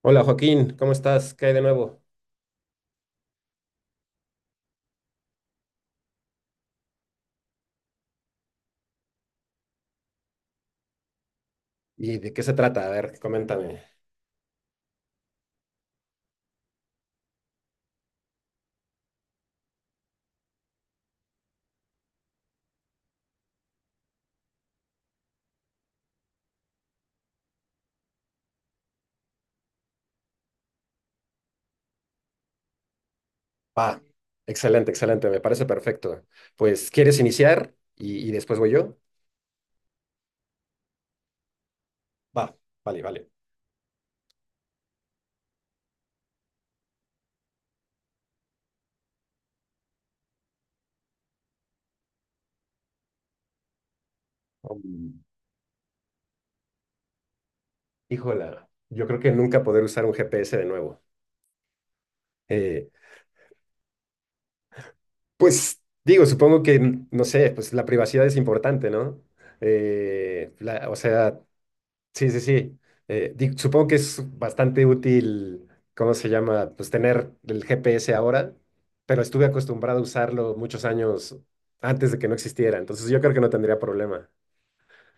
Hola Joaquín, ¿cómo estás? ¿Qué hay de nuevo? ¿Y de qué se trata? A ver, coméntame. Ah, excelente, excelente, me parece perfecto. Pues, ¿quieres iniciar y después voy yo? Va, vale, vale. Um, híjola, yo creo que nunca poder usar un GPS de nuevo. Eh, pues, digo, supongo que, no sé, pues la privacidad es importante, ¿no? O sea, sí, sí, sí. Supongo que es bastante útil, ¿cómo se llama? Pues tener el GPS ahora, pero estuve acostumbrado a usarlo muchos años antes de que no existiera, entonces yo creo que no tendría problema.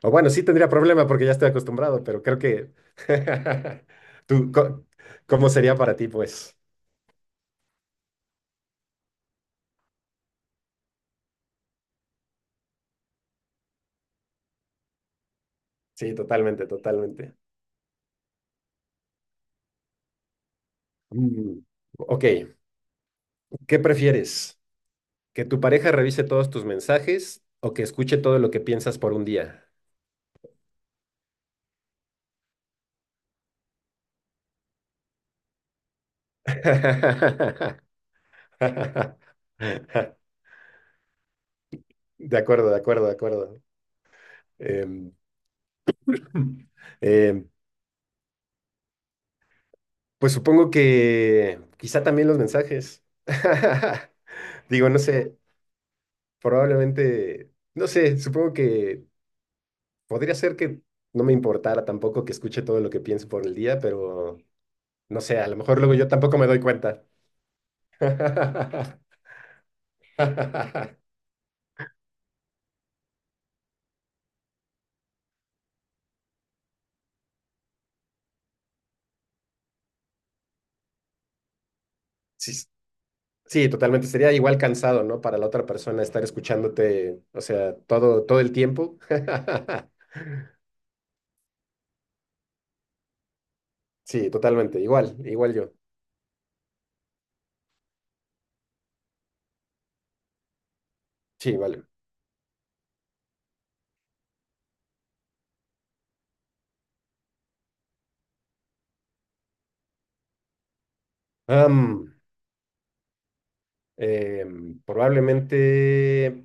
O bueno, sí tendría problema porque ya estoy acostumbrado, pero creo que... ¿Tú, cómo sería para ti, pues? Sí, totalmente, totalmente. Mm. Ok, ¿qué prefieres? ¿Que tu pareja revise todos tus mensajes o que escuche todo lo que piensas por un día? De acuerdo, de acuerdo, de acuerdo. Em, em, pues supongo que quizá también los mensajes. Digo, no sé, probablemente, no sé, supongo que podría ser que no me importara tampoco que escuche todo lo que pienso por el día, pero no sé, a lo mejor luego yo tampoco me doy cuenta. Sí, sí, totalmente. Sería igual cansado, ¿no? Para la otra persona estar escuchándote, o sea, todo, todo el tiempo. Sí, totalmente. Igual, igual yo. Sí, vale. Am, probablemente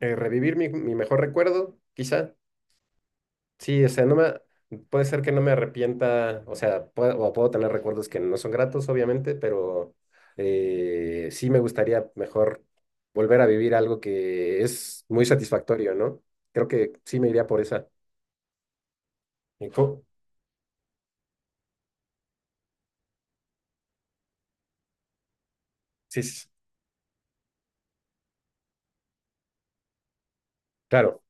revivir mi mejor recuerdo, quizá. Sí, o sea, no me, puede ser que no me arrepienta, o sea, puedo, o puedo tener recuerdos que no son gratos, obviamente, pero sí me gustaría mejor volver a vivir algo que es muy satisfactorio, ¿no? Creo que sí me iría por esa. ¿Y co- Sí, sí, claro,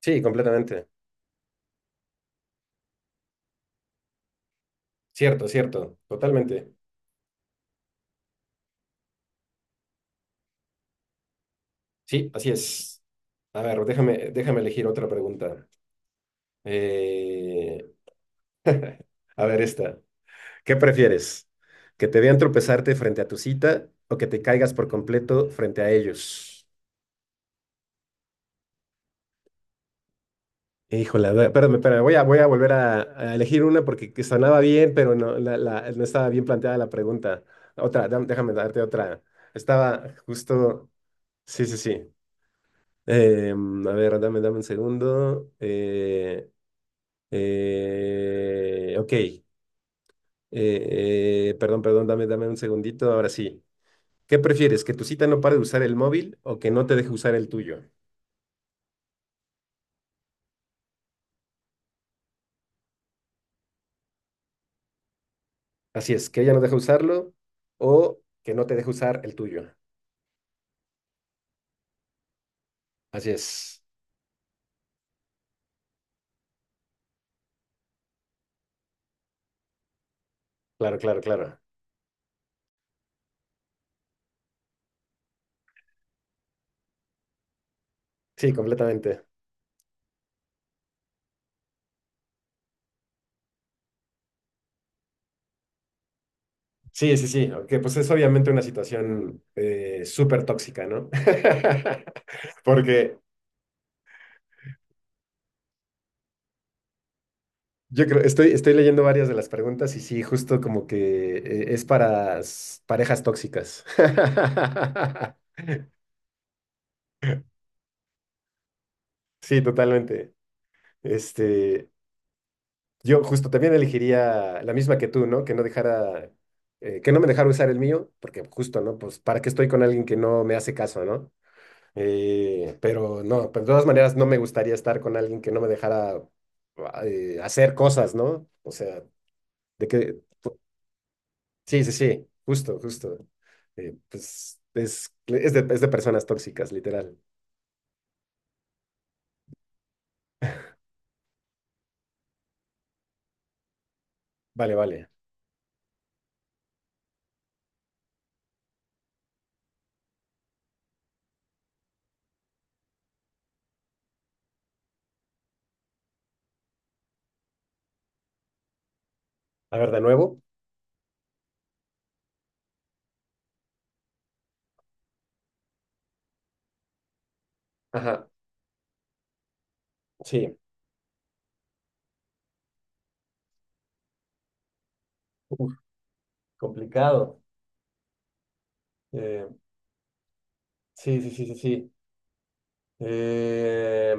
sí, completamente. Cierto, cierto, totalmente. Sí, así es. A ver, déjame elegir otra pregunta. Eh, a ver, esta. ¿Qué prefieres? ¿Que te vean tropezarte frente a tu cita o que te caigas por completo frente a ellos? Híjole, a ver, espérame, espérame, voy a volver a elegir una porque que sonaba bien, pero no, no estaba bien planteada la pregunta. Otra, déjame darte otra. Estaba justo. Sí, sí, sí. A ver, dame un segundo. Ok. Perdón, perdón, dame un segundito. Ahora sí. ¿Qué prefieres? ¿Que tu cita no pare de usar el móvil o que no te deje usar el tuyo? Así es, que ella no deje usarlo o que no te deje usar el tuyo. Así es. Claro, claro, claro. Sí, completamente. Sí, sí, sí, aunque pues es obviamente una situación súper tóxica, ¿no? Porque yo creo, estoy leyendo varias de las preguntas y sí, justo como que es para parejas tóxicas. Sí, totalmente. Este, yo justo también elegiría la misma que tú, ¿no? Que no dejara, que no me dejara usar el mío, porque justo, ¿no? Pues para qué estoy con alguien que no me hace caso, ¿no? Pero no, pues de todas maneras no me gustaría estar con alguien que no me dejara hacer cosas, ¿no? O sea, de que, sí, sí, sí, justo, justo. Pues es, es de personas tóxicas, literal. Vale, vale. A ver, de nuevo. Ajá, sí. Uf, complicado. Eh, sí, sí, sí, sí, sí. Eh,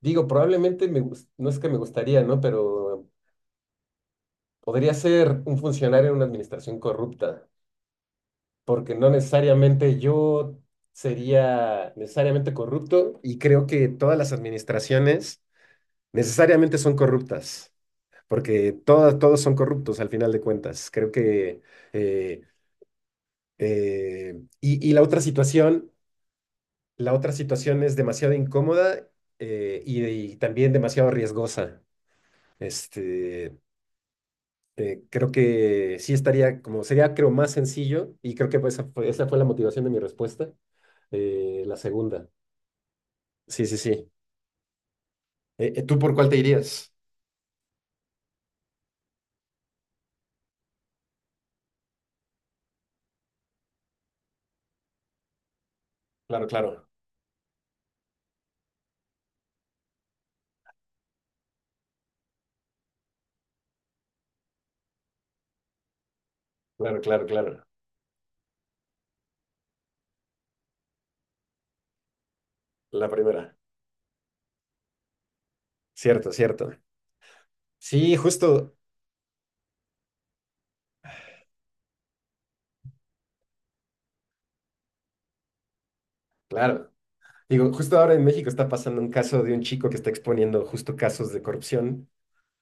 digo, probablemente no es que me gustaría, ¿no? Pero podría ser un funcionario en una administración corrupta, porque no necesariamente yo sería necesariamente corrupto y creo que todas las administraciones necesariamente son corruptas, porque todas, todos son corruptos al final de cuentas. Creo que... eh, y la otra situación es demasiado incómoda y también demasiado riesgosa. Este, creo que sí estaría como, sería creo más sencillo y creo que pues, esa fue la motivación de mi respuesta, la segunda. Sí, sí, sí. ¿Tú por cuál te irías? Claro, claro, claro, claro, claro. La primera. Cierto, cierto. Sí, justo, claro. Digo, justo ahora en México está pasando un caso de un chico que está exponiendo justo casos de corrupción.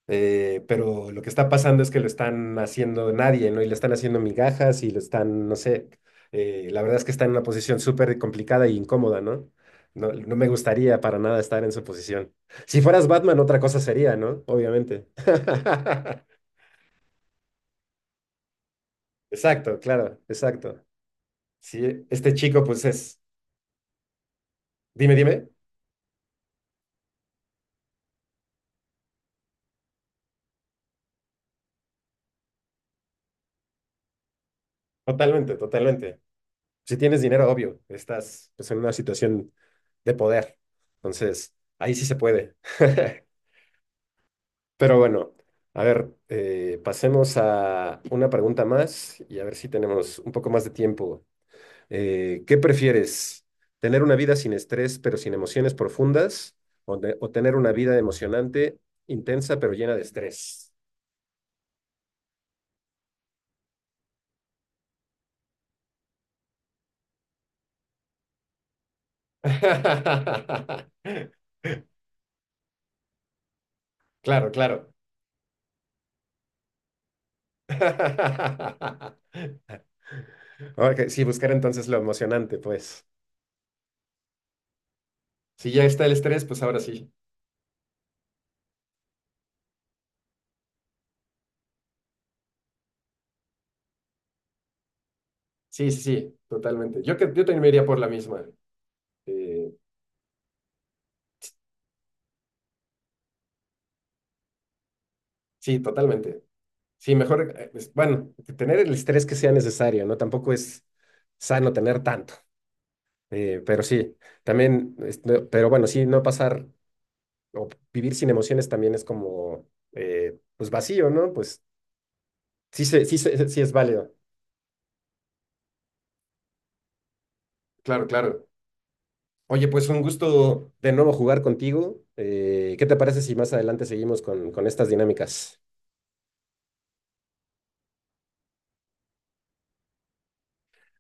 Pero lo que está pasando es que lo están haciendo nadie, ¿no? Y le están haciendo migajas y lo están, no sé, la verdad es que está en una posición súper complicada e incómoda, ¿no? No, no me gustaría para nada estar en su posición. Si fueras Batman, otra cosa sería, ¿no? Obviamente. Exacto, claro, exacto. Sí, este chico, pues es, dime, dime, totalmente, totalmente. Si tienes dinero, obvio, estás pues, en una situación de poder. Entonces, ahí sí se puede. Pero bueno, a ver, pasemos a una pregunta más y a ver si tenemos un poco más de tiempo. ¿Qué prefieres? ¿Tener una vida sin estrés pero sin emociones profundas? ¿ o tener una vida emocionante, intensa pero llena de estrés? Claro, claro. Ok, sí, buscar entonces lo emocionante, pues. Si ya está el estrés, pues ahora sí. Sí, sí, sí, totalmente. Yo también me iría por la misma. Eh, sí, totalmente. Sí, mejor, bueno, tener el estrés que sea necesario, ¿no? Tampoco es sano tener tanto, pero sí, también, este, pero bueno, sí, no pasar o vivir sin emociones también es como, pues vacío, ¿no? Pues sí, sí es válido. Claro, claro. Oye, pues un gusto de nuevo jugar contigo. ¿Qué te parece si más adelante seguimos con estas dinámicas?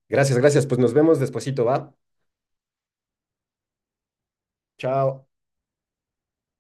Gracias, gracias. Pues nos vemos despuesito, ¿va? Chao.